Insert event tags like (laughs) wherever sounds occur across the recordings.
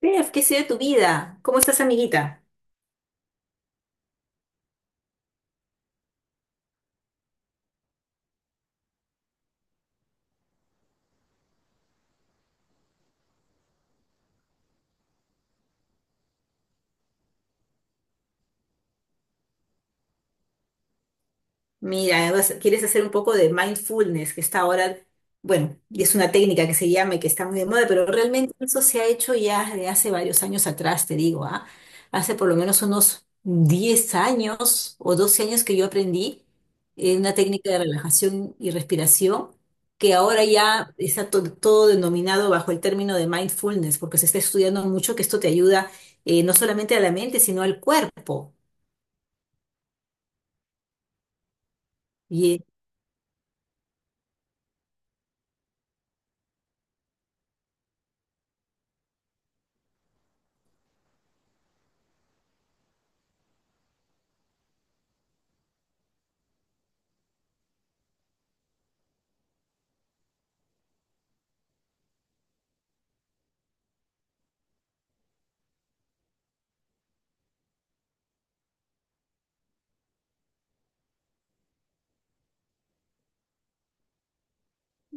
Steph, ¿qué ha sido de tu vida? ¿Cómo estás, amiguita? Mira, quieres hacer un poco de mindfulness, que está ahora, bueno, y es una técnica que se llama, y que está muy de moda, pero realmente eso se ha hecho ya de hace varios años atrás, te digo, ¿ah? Hace por lo menos unos 10 años o 12 años que yo aprendí una técnica de relajación y respiración, que ahora ya está todo denominado bajo el término de mindfulness, porque se está estudiando mucho que esto te ayuda no solamente a la mente, sino al cuerpo. Y,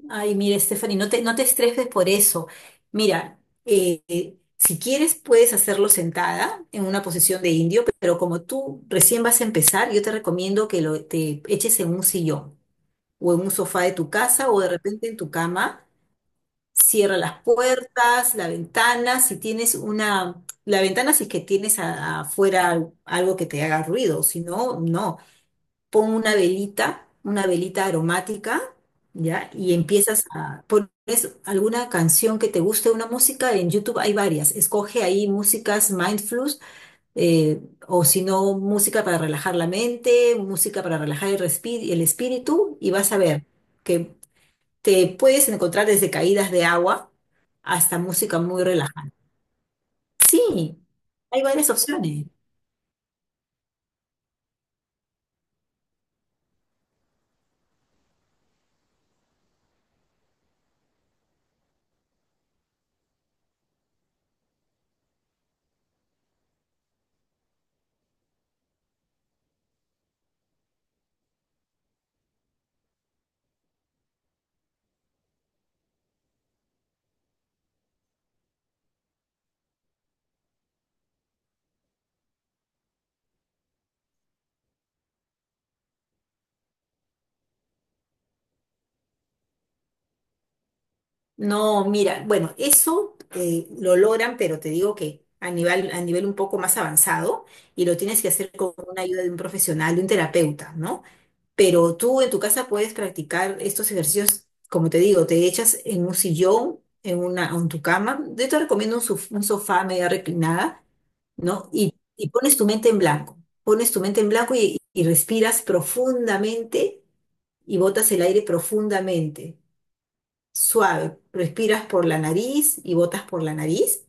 ay, mira, Stephanie, no te estreses por eso. Mira, si quieres puedes hacerlo sentada en una posición de indio, pero como tú recién vas a empezar, yo te recomiendo que lo, te eches en un sillón o en un sofá de tu casa o de repente en tu cama. Cierra las puertas, la ventana, si tienes una, la ventana si es que tienes afuera algo que te haga ruido, si no, no. Pon una velita aromática, ¿ya? Y empiezas a pones alguna canción que te guste, una música, en YouTube hay varias, escoge ahí músicas mindfulness, eh, o si no, música para relajar la mente, música para relajar el, el espíritu, y vas a ver que te puedes encontrar desde caídas de agua hasta música muy relajada. Sí, hay varias opciones. No, mira, bueno, eso lo logran, pero te digo que a nivel un poco más avanzado y lo tienes que hacer con una ayuda de un profesional, de un terapeuta, ¿no? Pero tú en tu casa puedes practicar estos ejercicios, como te digo, te echas en un sillón, en una, en tu cama. Yo te recomiendo un sofá media reclinada, ¿no? Y pones tu mente en blanco, pones tu mente en blanco y respiras profundamente y botas el aire profundamente. Suave, respiras por la nariz y botas por la nariz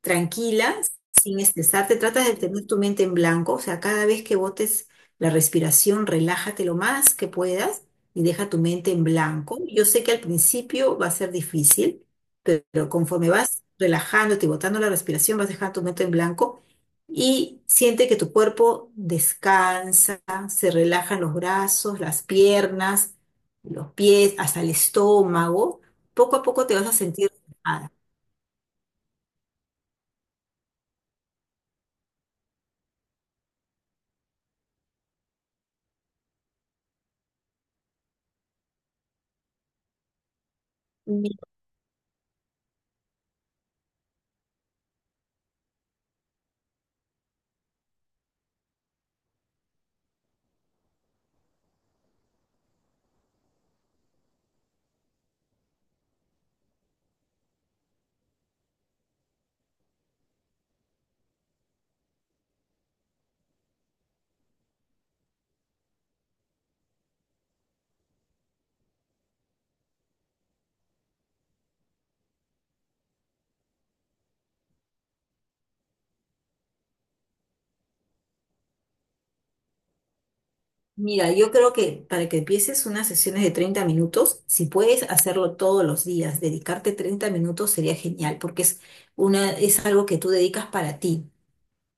tranquila, sin estresarte. Trata de tener tu mente en blanco, o sea, cada vez que botes la respiración, relájate lo más que puedas y deja tu mente en blanco. Yo sé que al principio va a ser difícil, pero, conforme vas relajándote y botando la respiración, vas dejando tu mente en blanco y siente que tu cuerpo descansa, se relajan los brazos, las piernas, los pies, hasta el estómago. Poco a poco te vas a sentir relajada. Mira, yo creo que para que empieces unas sesiones de 30 minutos, si puedes hacerlo todos los días, dedicarte 30 minutos sería genial, porque es una, es algo que tú dedicas para ti,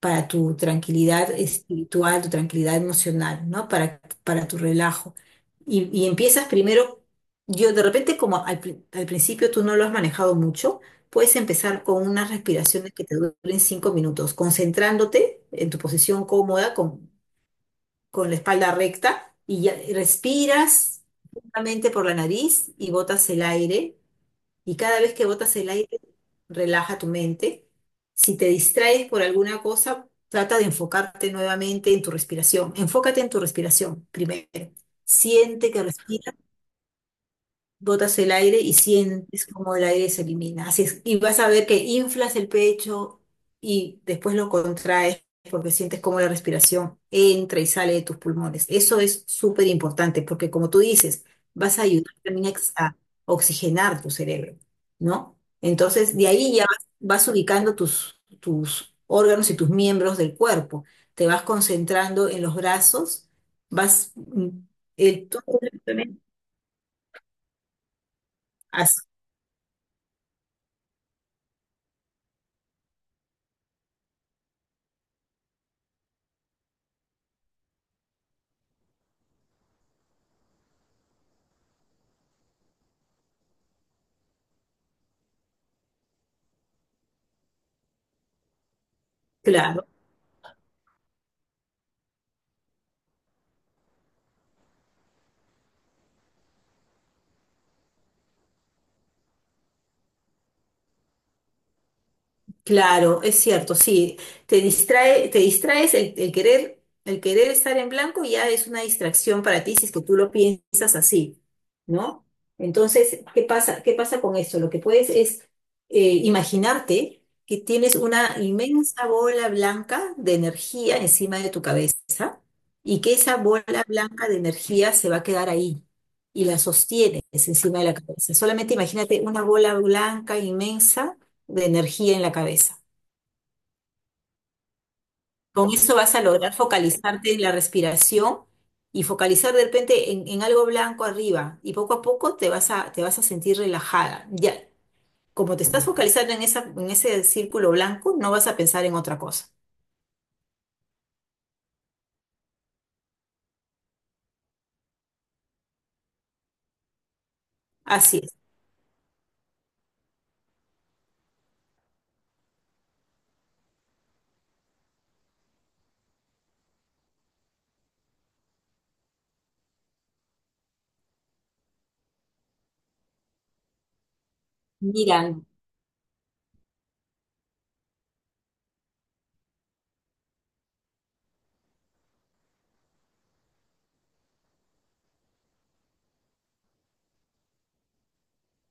para tu tranquilidad espiritual, tu tranquilidad emocional, ¿no? Para tu relajo. Y empiezas primero, yo de repente como al principio tú no lo has manejado mucho, puedes empezar con unas respiraciones que te duren 5 minutos, concentrándote en tu posición cómoda, con la espalda recta y respiras profundamente por la nariz y botas el aire. Y cada vez que botas el aire, relaja tu mente. Si te distraes por alguna cosa, trata de enfocarte nuevamente en tu respiración. Enfócate en tu respiración primero. Siente que respiras, botas el aire y sientes como el aire se elimina. Así es, y vas a ver que inflas el pecho y después lo contraes porque sientes como la respiración entra y sale de tus pulmones. Eso es súper importante porque como tú dices, vas a ayudar también a, a oxigenar tu cerebro, ¿no? Entonces, de ahí ya vas, vas ubicando tus, tus órganos y tus miembros del cuerpo. Te vas concentrando en los brazos, vas... mm, el, todo, así, claro. Claro, es cierto, sí, te distrae, te distraes el querer estar en blanco ya es una distracción para ti si es que tú lo piensas así, ¿no? Entonces, ¿qué pasa? ¿Qué pasa con esto? Lo que puedes es imaginarte que tienes una inmensa bola blanca de energía encima de tu cabeza y que esa bola blanca de energía se va a quedar ahí y la sostienes encima de la cabeza. Solamente imagínate una bola blanca inmensa de energía en la cabeza. Con eso vas a lograr focalizarte en la respiración y focalizar de repente en algo blanco arriba y poco a poco te vas a sentir relajada. Ya, como te estás focalizando en esa, en ese círculo blanco, no vas a pensar en otra cosa. Así es. Mira,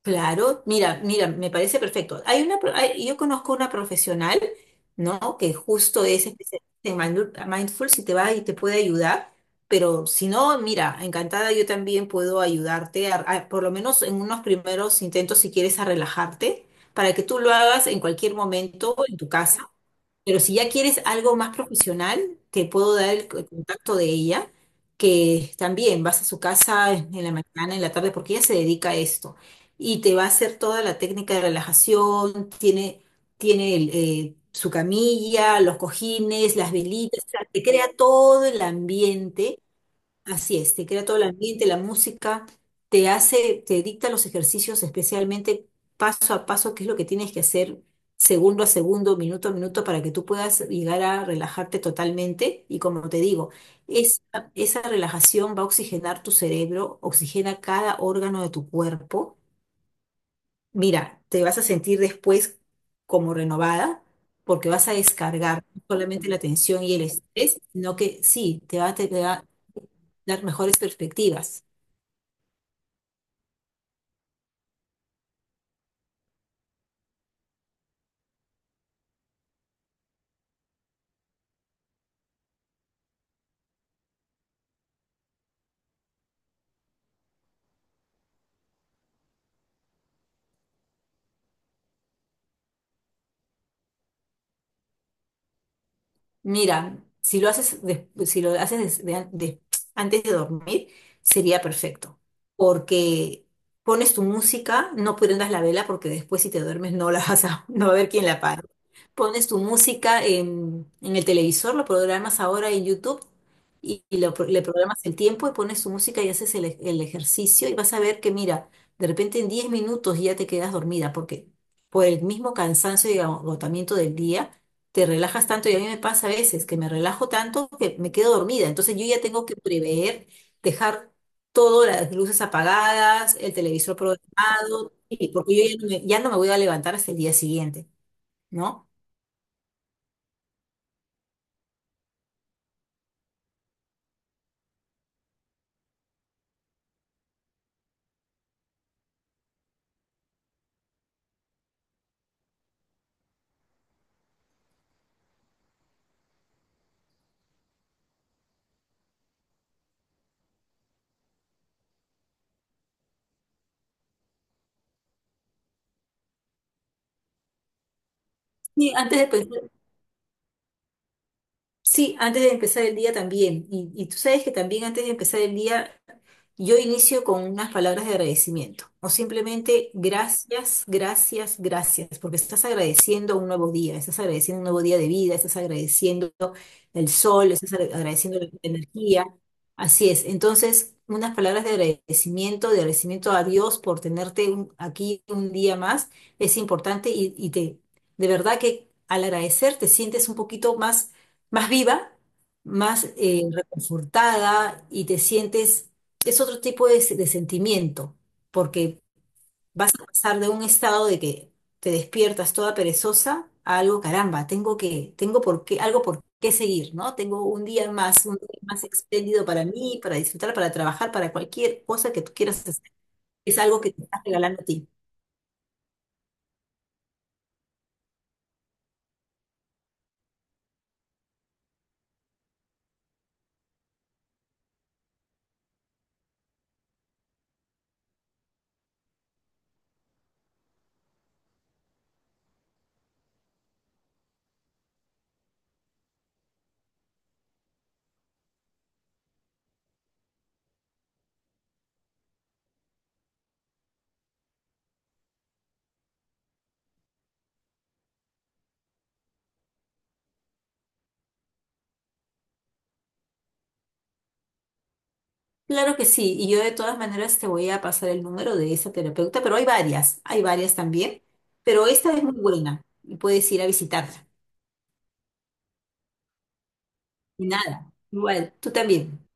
claro, me parece perfecto. Hay una, yo conozco una profesional, ¿no? Que justo es especialista en mindful, si te va y te puede ayudar, pero si no, mira, encantada, yo también puedo ayudarte, por lo menos en unos primeros intentos, si quieres, a relajarte, para que tú lo hagas en cualquier momento en tu casa. Pero si ya quieres algo más profesional, te puedo dar el contacto de ella, que también vas a su casa en la mañana, en la tarde, porque ella se dedica a esto y te va a hacer toda la técnica de relajación, tiene, tiene el, su camilla, los cojines, las velitas, o sea, te crea todo el ambiente, así es, te crea todo el ambiente, la música, te hace, te dicta los ejercicios especialmente paso a paso, qué es lo que tienes que hacer segundo a segundo, minuto a minuto, para que tú puedas llegar a relajarte totalmente. Y como te digo, esa, esa relajación va a oxigenar tu cerebro, oxigena cada órgano de tu cuerpo. Mira, te vas a sentir después como renovada porque vas a descargar no solamente la tensión y el estrés, sino que sí, te va a dar mejores perspectivas. Mira, si lo haces, si lo haces antes de dormir, sería perfecto, porque pones tu música, no prendas la vela porque después si te duermes no la vas a, (laughs) no va a haber quien la apague. Pones tu música en el televisor, lo programas ahora en YouTube y le programas el tiempo y pones tu música y haces el, el ejercicio y vas a ver que, mira, de repente en 10 minutos ya te quedas dormida porque por el mismo cansancio y agotamiento del día te relajas tanto y a mí me pasa a veces que me relajo tanto que me quedo dormida. Entonces yo ya tengo que prever, dejar todas las luces apagadas, el televisor programado, y porque yo ya no me voy a levantar hasta el día siguiente, ¿no? Sí, sí, antes de empezar el día también. Y tú sabes que también antes de empezar el día yo inicio con unas palabras de agradecimiento o simplemente gracias, gracias, gracias, porque estás agradeciendo un nuevo día, estás agradeciendo un nuevo día de vida, estás agradeciendo el sol, estás agradeciendo la energía. Así es. Entonces, unas palabras de agradecimiento a Dios por tenerte aquí un día más, es importante y te, de verdad que al agradecer te sientes un poquito más, más viva, más reconfortada y te sientes es otro tipo de, de sentimiento, porque vas a pasar de un estado de que te despiertas toda perezosa a algo, caramba, tengo que, tengo por qué, algo por qué seguir, ¿no? Tengo un día más espléndido para mí, para disfrutar, para trabajar, para cualquier cosa que tú quieras hacer. Es algo que te estás regalando a ti. Claro que sí, y yo de todas maneras te voy a pasar el número de esa terapeuta, pero hay varias también, pero esta es muy buena y puedes ir a visitarla. Y nada, igual, tú también.